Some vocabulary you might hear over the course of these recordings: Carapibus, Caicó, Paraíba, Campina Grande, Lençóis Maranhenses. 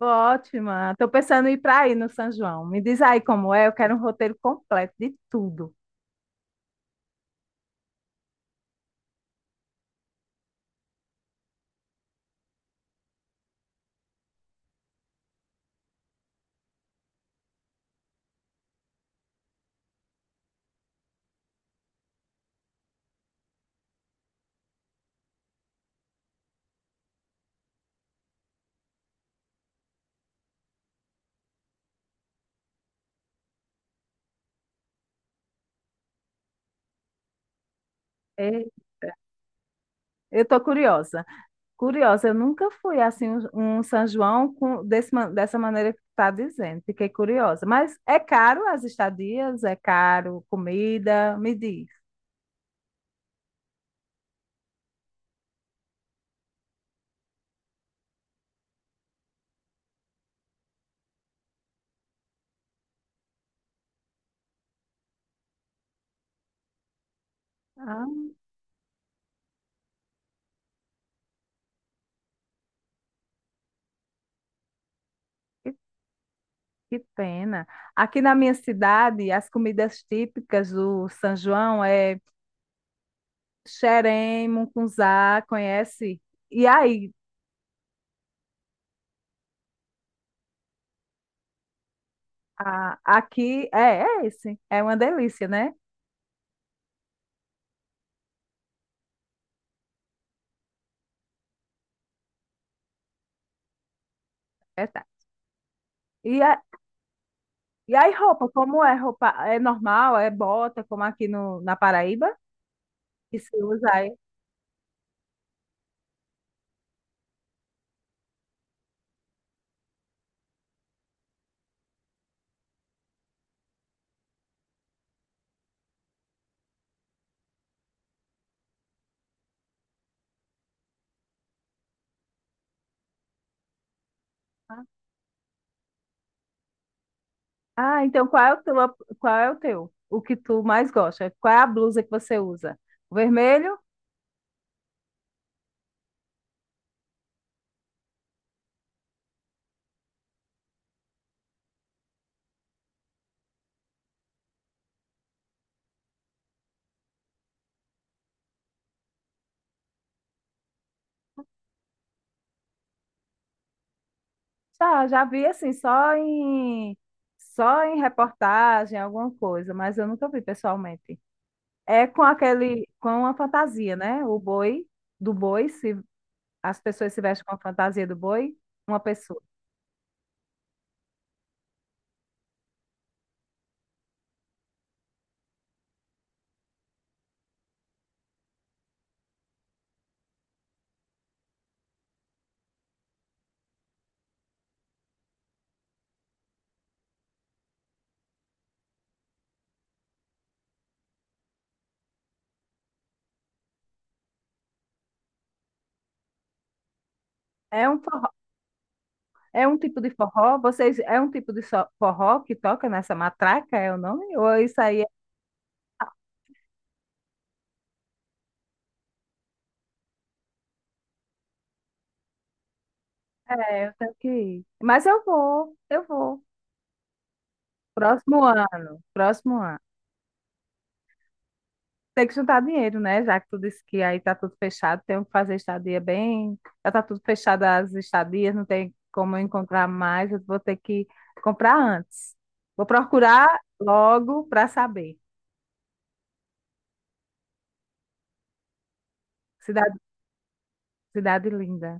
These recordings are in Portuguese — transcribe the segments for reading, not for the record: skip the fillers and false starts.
Ótima. Estou pensando em ir para aí no São João. Me diz aí como é. Eu quero um roteiro completo de tudo. É, eu estou curiosa. Curiosa, eu nunca fui assim um São João dessa maneira que tu está dizendo. Fiquei curiosa. Mas é caro as estadias? É caro comida? Me diz. Ah, que, que pena. Aqui na minha cidade, as comidas típicas do São João é xerém, mungunzá, conhece? E aí, ah, aqui é esse. É uma delícia, né? É, tá. E, a, e aí, roupa, como é roupa? É normal? É bota, como aqui na Paraíba? Que se usa aí? Ah, então qual é o teu? O que tu mais gosta? Qual é a blusa que você usa? O vermelho? Já vi assim, só em reportagem, alguma coisa, mas eu nunca vi pessoalmente. É com aquele, com a fantasia, né? O boi, do boi, se As pessoas se vestem com a fantasia do boi, uma pessoa. É um forró, É um tipo de forró? Vocês é um tipo de forró que toca nessa matraca, é o nome? Ou isso aí é, eu tenho que ir. Mas eu vou. Próximo ano, próximo ano. Tem que juntar dinheiro, né? Já que tu disse que aí tá tudo fechado, tem que fazer estadia bem. Já tá tudo fechado as estadias, não tem como eu encontrar mais, eu vou ter que comprar antes. Vou procurar logo para saber. Cidade, cidade linda.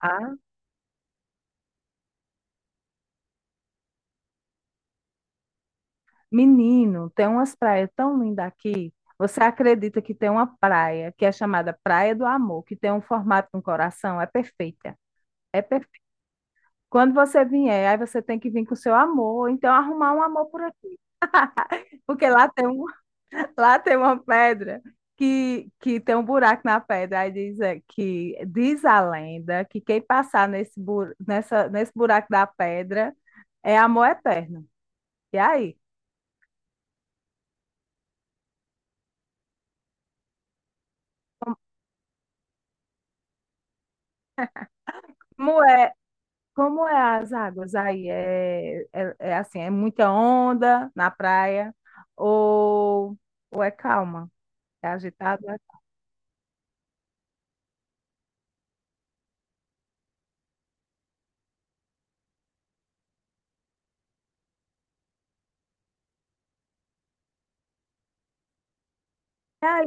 Ah, menino, tem umas praias tão lindas aqui. Você acredita que tem uma praia que é chamada Praia do Amor, que tem um formato de um coração? É perfeita. É perfeita. Quando você vier, aí você tem que vir com o seu amor, então arrumar um amor por aqui. Porque lá tem um, lá tem uma pedra que tem um buraco na pedra. Aí que diz a lenda que quem passar nesse buraco da pedra é amor eterno. E aí? Como é as águas aí? É assim, é muita onda na praia ou, ou é calma? É agitado? Ai,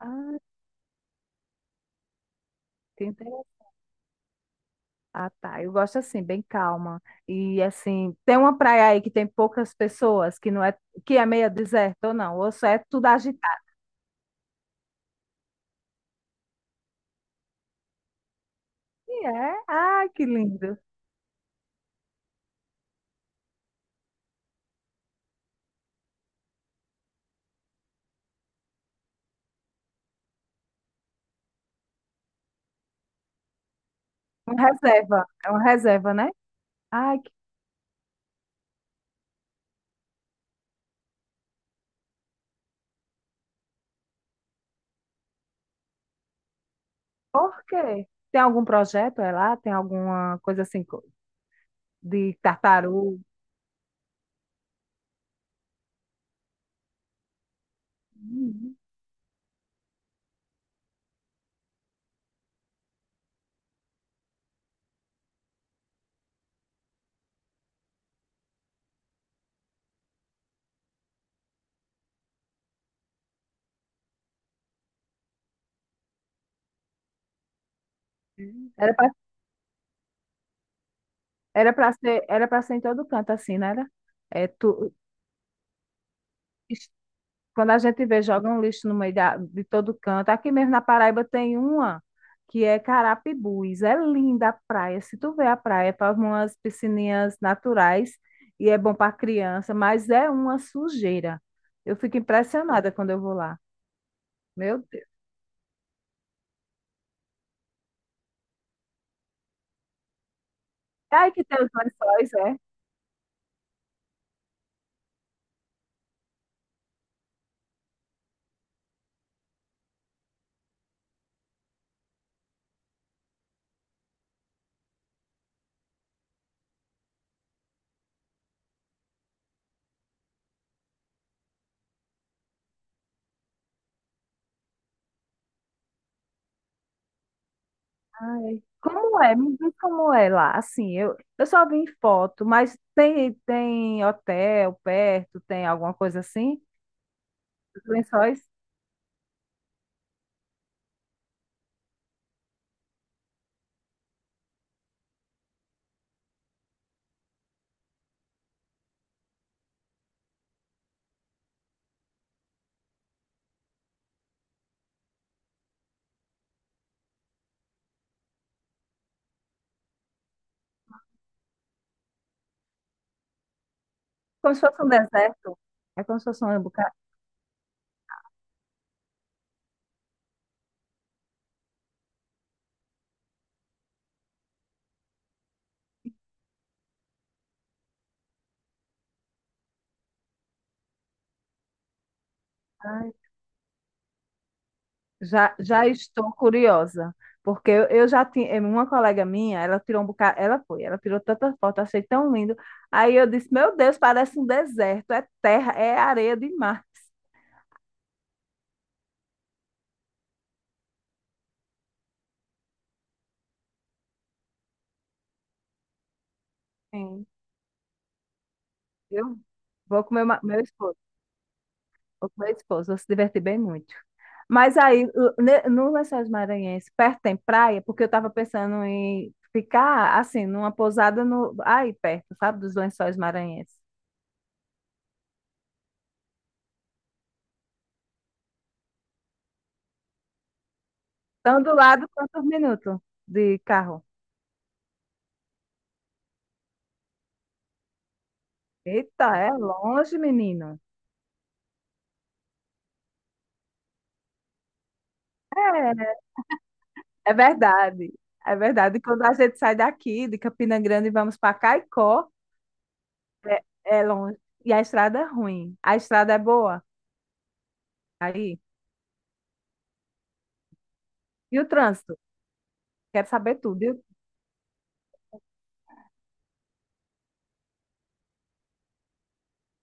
ah, entendeu? Ah, tá. Eu gosto assim, bem calma. E assim, tem uma praia aí que tem poucas pessoas, que é meio deserto ou não, ou só é tudo agitado. E é? Ai, que lindo. Uma reserva, é uma reserva, né? Ai, que... por quê? Tem algum projeto é lá? Tem alguma coisa de tartaruga? Hum. Era pra ser em todo canto, assim, né? Era? É, is- quando a gente vê, joga um lixo no meio da, de todo canto. Aqui mesmo na Paraíba tem uma que é Carapibus. É linda a praia. Se tu vê a praia, é para umas piscininhas naturais e é bom para criança, mas é uma sujeira. Eu fico impressionada quando eu vou lá. Meu Deus. É aí que tem os lençóis, é? Ai, como é? Me diz como é lá. Assim, eu só vi em foto, mas tem hotel perto, tem alguma coisa assim? Os Lençóis? Como se fosse um deserto. É como se fosse um bocado. Ai, já estou curiosa, porque eu já tinha. Uma colega minha, ela tirou um bocado. Ela tirou tanta foto, achei tão lindo. Aí eu disse: Meu Deus, parece um deserto, é terra, é areia de mar. Sim. Eu vou com meu esposo, vou com meu esposo, vou se divertir bem muito. Mas aí, no Lençóis Maranhenses, perto tem praia, porque eu estava pensando em ficar, assim, numa pousada no, aí perto, sabe, dos Lençóis Maranhenses. Então, do lado, quantos minutos de carro? Eita, é longe, menino. É, é verdade. É verdade. Quando a gente sai daqui, de Campina Grande, e vamos para Caicó, é, é longe. E a estrada é ruim. A estrada é boa. Aí. E o trânsito? Quero saber tudo, viu?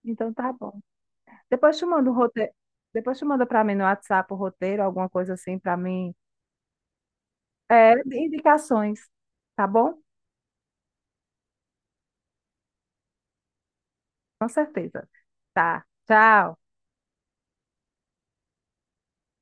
Então, tá bom. Depois te manda o roteiro. Depois te manda para mim no WhatsApp o roteiro, alguma coisa assim para mim. É, indicações, tá bom? Com certeza. Tá. Tchau.